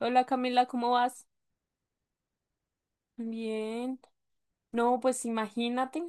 Hola Camila, ¿cómo vas? Bien. No, pues imagínate,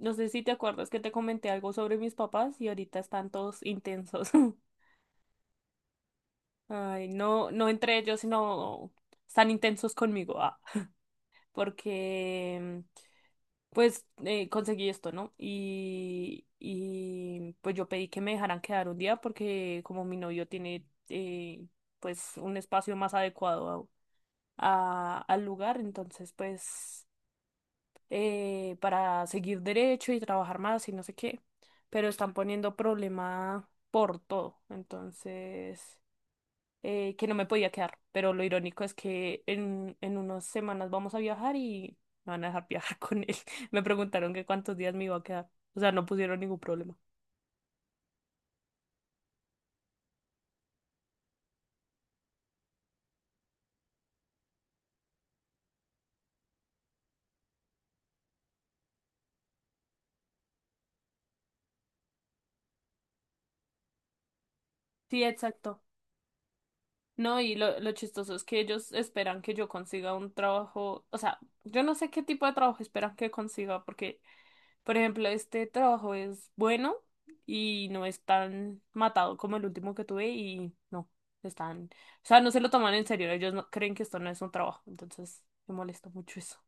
no sé si te acuerdas que te comenté algo sobre mis papás y ahorita están todos intensos. Ay, no, no entre ellos, sino están intensos conmigo, ah, porque pues conseguí esto, ¿no? Y pues yo pedí que me dejaran quedar un día porque como mi novio tiene pues un espacio más adecuado al lugar, entonces pues... para seguir derecho y trabajar más y no sé qué, pero están poniendo problema por todo, entonces, que no me podía quedar, pero lo irónico es que en unas semanas vamos a viajar y me van a dejar viajar con él. Me preguntaron que cuántos días me iba a quedar, o sea, no pusieron ningún problema. Sí, exacto. No, y lo chistoso es que ellos esperan que yo consiga un trabajo, o sea, yo no sé qué tipo de trabajo esperan que consiga, porque por ejemplo, este trabajo es bueno y no es tan matado como el último que tuve y no, están, o sea, no se lo toman en serio, ellos no, creen que esto no es un trabajo, entonces me molesta mucho eso.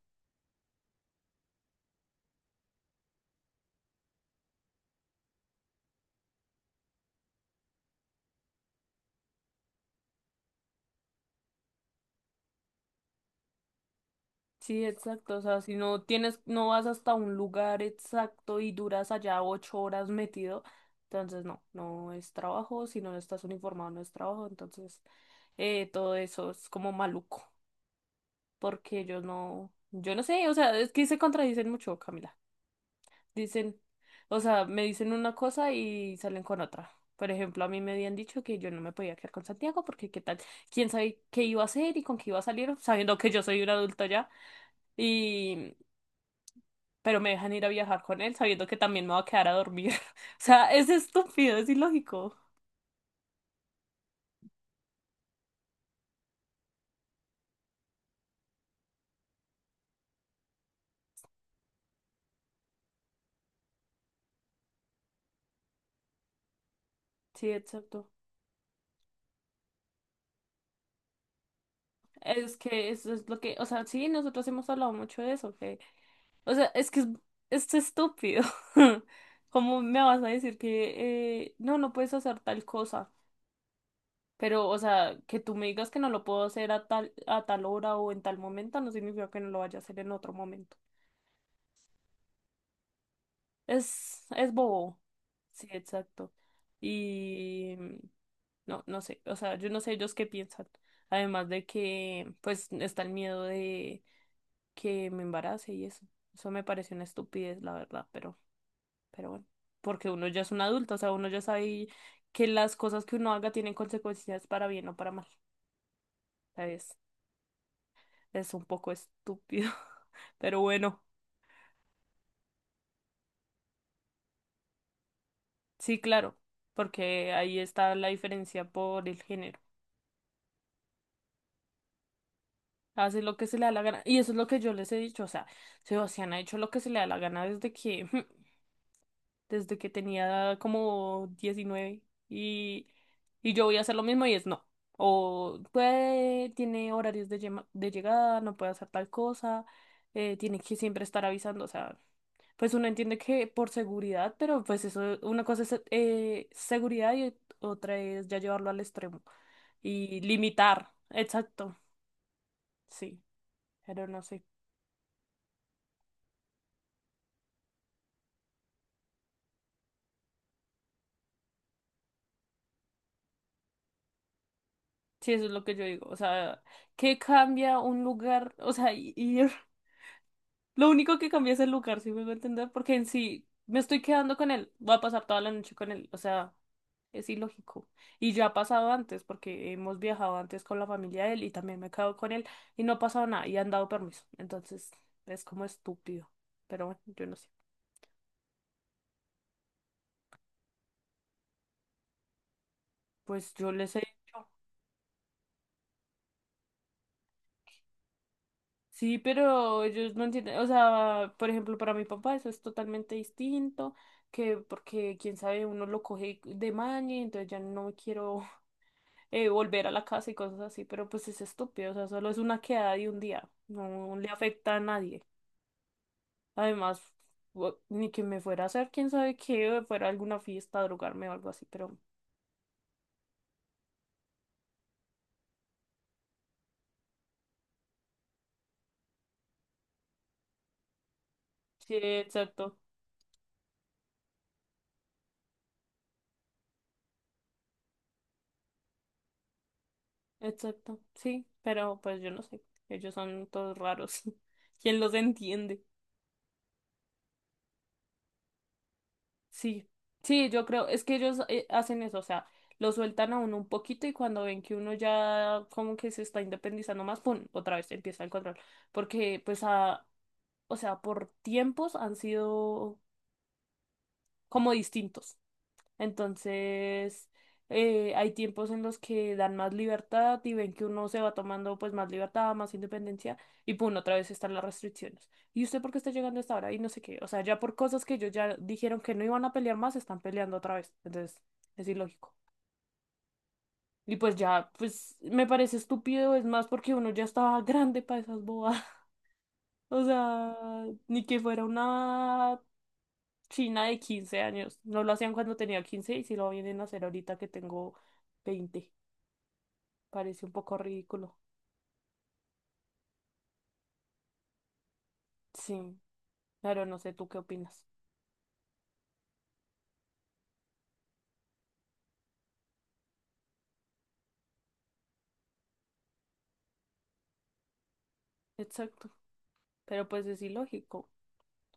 Sí, exacto, o sea, si no tienes, no vas hasta un lugar exacto y duras allá 8 horas metido, entonces no, no es trabajo, si no estás uniformado no es trabajo, entonces todo eso es como maluco, porque ellos no, yo no sé, o sea, es que se contradicen mucho, Camila. Dicen, o sea, me dicen una cosa y salen con otra. Por ejemplo, a mí me habían dicho que yo no me podía quedar con Santiago porque qué tal, quién sabe qué iba a hacer y con qué iba a salir, sabiendo que yo soy un adulto ya. Y, pero me dejan ir a viajar con él sabiendo que también me va a quedar a dormir. O sea, es estúpido, es ilógico. Sí, exacto. Es que eso es lo que, o sea, sí, nosotros hemos hablado mucho de eso, que, o sea, es que es estúpido. ¿Cómo me vas a decir que no, no puedes hacer tal cosa? Pero, o sea, que tú me digas que no lo puedo hacer a tal hora o en tal momento, no significa que no lo vaya a hacer en otro momento. Es bobo. Sí, exacto. Y no, no sé. O sea, yo no sé ellos qué piensan. Además de que, pues, está el miedo de que me embarace y eso. Eso me parece una estupidez, la verdad, pero bueno. Porque uno ya es un adulto, o sea, uno ya sabe que las cosas que uno haga tienen consecuencias para bien o para mal. ¿Sabes? Es un poco estúpido, pero bueno, sí, claro, porque ahí está la diferencia por el género. Hace lo que se le da la gana. Y eso es lo que yo les he dicho. O sea, Sebastián ha hecho lo que se le da la gana desde que desde que tenía como 19 y, y yo voy a hacer lo mismo y es no. O puede, tiene horarios de, de llegada, no puede hacer tal cosa, tiene que siempre estar avisando, o sea, pues uno entiende que por seguridad, pero pues eso, una cosa es seguridad y otra es ya llevarlo al extremo y limitar, exacto, sí, pero no sé. Sí, eso es lo que yo digo. O sea, ¿qué cambia un lugar? O sea, ir lo único que cambia es el lugar, si me voy a entender, porque en sí me estoy quedando con él, voy a pasar toda la noche con él, o sea, es ilógico. Y ya ha pasado antes, porque hemos viajado antes con la familia de él y también me he quedado con él y no ha pasado nada y han dado permiso. Entonces, es como estúpido, pero bueno, yo no sé. Pues yo les he dicho, sí, pero ellos no entienden, o sea, por ejemplo, para mi papá eso es totalmente distinto, que porque quién sabe, uno lo coge de maña, entonces ya no quiero volver a la casa y cosas así, pero pues es estúpido, o sea, solo es una quedada de un día, no no le afecta a nadie. Además, ni que me fuera a hacer, quién sabe qué, o fuera a alguna fiesta, a drogarme o algo así, pero sí, exacto, exacto, sí, pero pues yo no sé, ellos son todos raros, ¿quién los entiende? Sí, sí, yo creo, es que ellos hacen eso, o sea, lo sueltan a uno un poquito y cuando ven que uno ya como que se está independizando más, pum, otra vez empieza el control, porque pues a o sea, por tiempos han sido como distintos. Entonces, hay tiempos en los que dan más libertad y ven que uno se va tomando pues más libertad, más independencia y pum, otra vez están las restricciones. ¿Y usted por qué está llegando a esta hora? Y no sé qué. O sea, ya por cosas que ellos ya dijeron que no iban a pelear más, están peleando otra vez. Entonces, es ilógico. Y pues ya, pues me parece estúpido, es más porque uno ya estaba grande para esas bobadas. O sea, ni que fuera una China de 15 años. No lo hacían cuando tenía 15 y si lo vienen a hacer ahorita que tengo 20, parece un poco ridículo. Sí, claro, no sé tú qué opinas. Exacto. Pero pues es ilógico.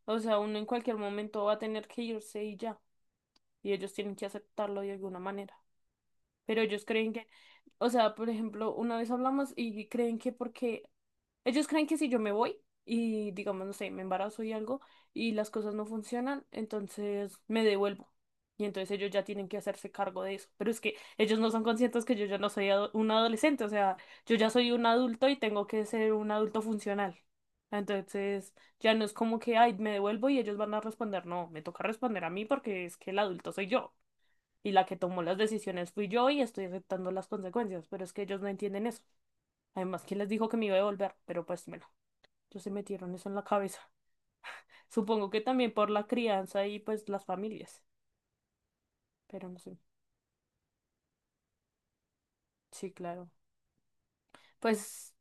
O sea, uno en cualquier momento va a tener que irse y ya. Y ellos tienen que aceptarlo de alguna manera. Pero ellos creen que, o sea, por ejemplo, una vez hablamos y creen que porque ellos creen que si yo me voy y digamos, no sé, me embarazo y algo y las cosas no funcionan, entonces me devuelvo. Y entonces ellos ya tienen que hacerse cargo de eso. Pero es que ellos no son conscientes que yo ya no soy un adolescente, o sea, yo ya soy un adulto y tengo que ser un adulto funcional. Entonces ya no es como que, ay, me devuelvo y ellos van a responder, no, me toca responder a mí porque es que el adulto soy yo y la que tomó las decisiones fui yo y estoy aceptando las consecuencias, pero es que ellos no entienden eso. Además, ¿quién les dijo que me iba a devolver? Pero pues bueno, ellos se metieron eso en la cabeza. Supongo que también por la crianza y pues las familias, pero no sé. Sí, claro. Pues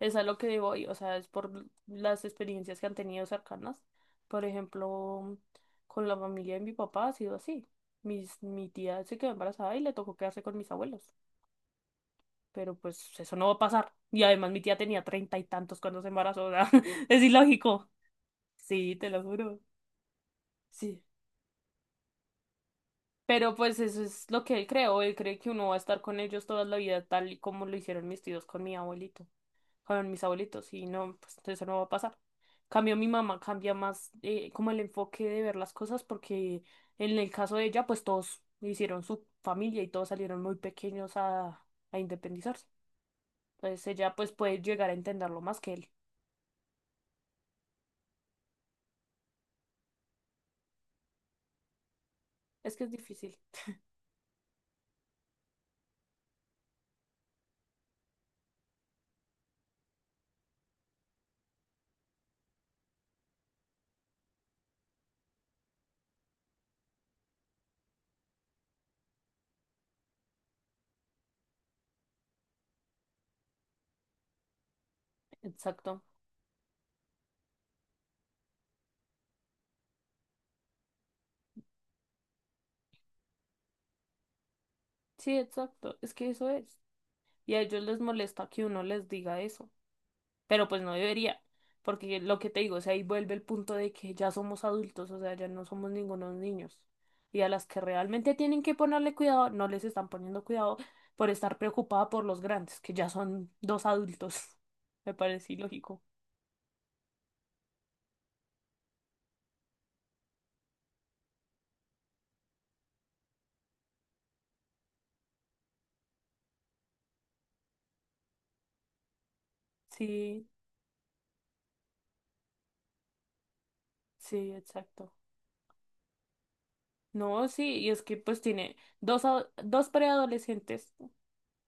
es a lo que voy, o sea, es por las experiencias que han tenido cercanas. Por ejemplo, con la familia de mi papá ha sido así. Mi tía se quedó embarazada y le tocó quedarse con mis abuelos. Pero pues eso no va a pasar. Y además mi tía tenía treinta y tantos cuando se embarazó, o sea, es ilógico. Sí, te lo juro. Sí. Pero pues eso es lo que él creó. Él cree que uno va a estar con ellos toda la vida, tal y como lo hicieron mis tíos con mi abuelito, con mis abuelitos, y no, pues eso no va a pasar. Cambio mi mamá, cambia más como el enfoque de ver las cosas, porque en el caso de ella, pues todos hicieron su familia y todos salieron muy pequeños a independizarse. Entonces ella pues puede llegar a entenderlo más que él. Es que es difícil. Exacto. Sí, exacto. Es que eso es. Y a ellos les molesta que uno les diga eso. Pero pues no debería. Porque lo que te digo, o sea, ahí vuelve el punto de que ya somos adultos, o sea, ya no somos ningunos niños. Y a las que realmente tienen que ponerle cuidado, no les están poniendo cuidado por estar preocupada por los grandes, que ya son dos adultos. Me parece ilógico. Sí, sí, exacto. No, sí, y es que pues tiene a dos preadolescentes.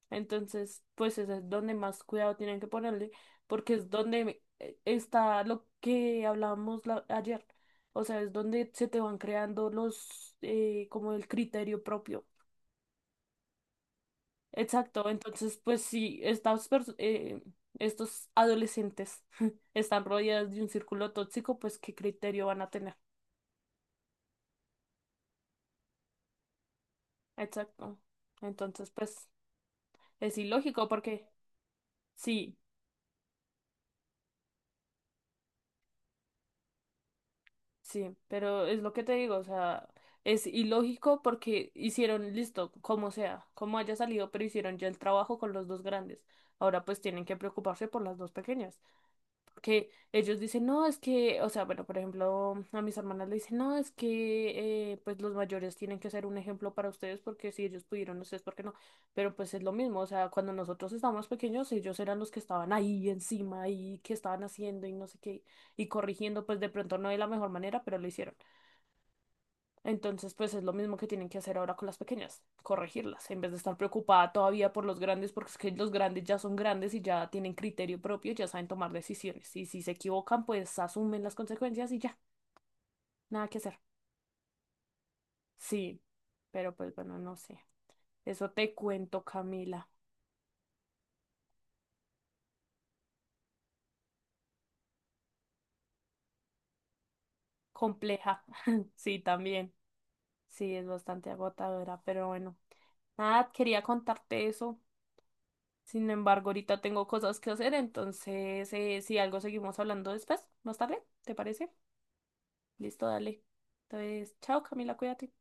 Entonces, pues eso es donde más cuidado tienen que ponerle, porque es donde está lo que hablábamos ayer. O sea, es donde se te van creando los, como el criterio propio. Exacto, entonces, pues si estas estos adolescentes están rodeados de un círculo tóxico, pues ¿qué criterio van a tener? Exacto. Entonces, pues es ilógico porque sí. Sí, pero es lo que te digo, o sea, es ilógico porque hicieron listo, como sea, como haya salido, pero hicieron ya el trabajo con los dos grandes. Ahora pues tienen que preocuparse por las dos pequeñas. Porque ellos dicen, no, es que, o sea, bueno, por ejemplo, a mis hermanas le dicen, no, es que, pues los mayores tienen que ser un ejemplo para ustedes porque si ellos pudieron, ustedes, ¿por qué no? Pero pues es lo mismo, o sea, cuando nosotros estábamos pequeños, ellos eran los que estaban ahí encima y que estaban haciendo y no sé qué, y corrigiendo, pues de pronto no de la mejor manera, pero lo hicieron. Entonces, pues es lo mismo que tienen que hacer ahora con las pequeñas, corregirlas, en vez de estar preocupada todavía por los grandes, porque es que los grandes ya son grandes y ya tienen criterio propio, ya saben tomar decisiones. Y si se equivocan, pues asumen las consecuencias y ya, nada que hacer. Sí, pero pues bueno, no sé. Eso te cuento, Camila. Compleja. Sí, también. Sí, es bastante agotadora, pero bueno. Nada, quería contarte eso. Sin embargo, ahorita tengo cosas que hacer, entonces si algo seguimos hablando después, más tarde, ¿te parece? Listo, dale. Entonces, chao Camila, cuídate.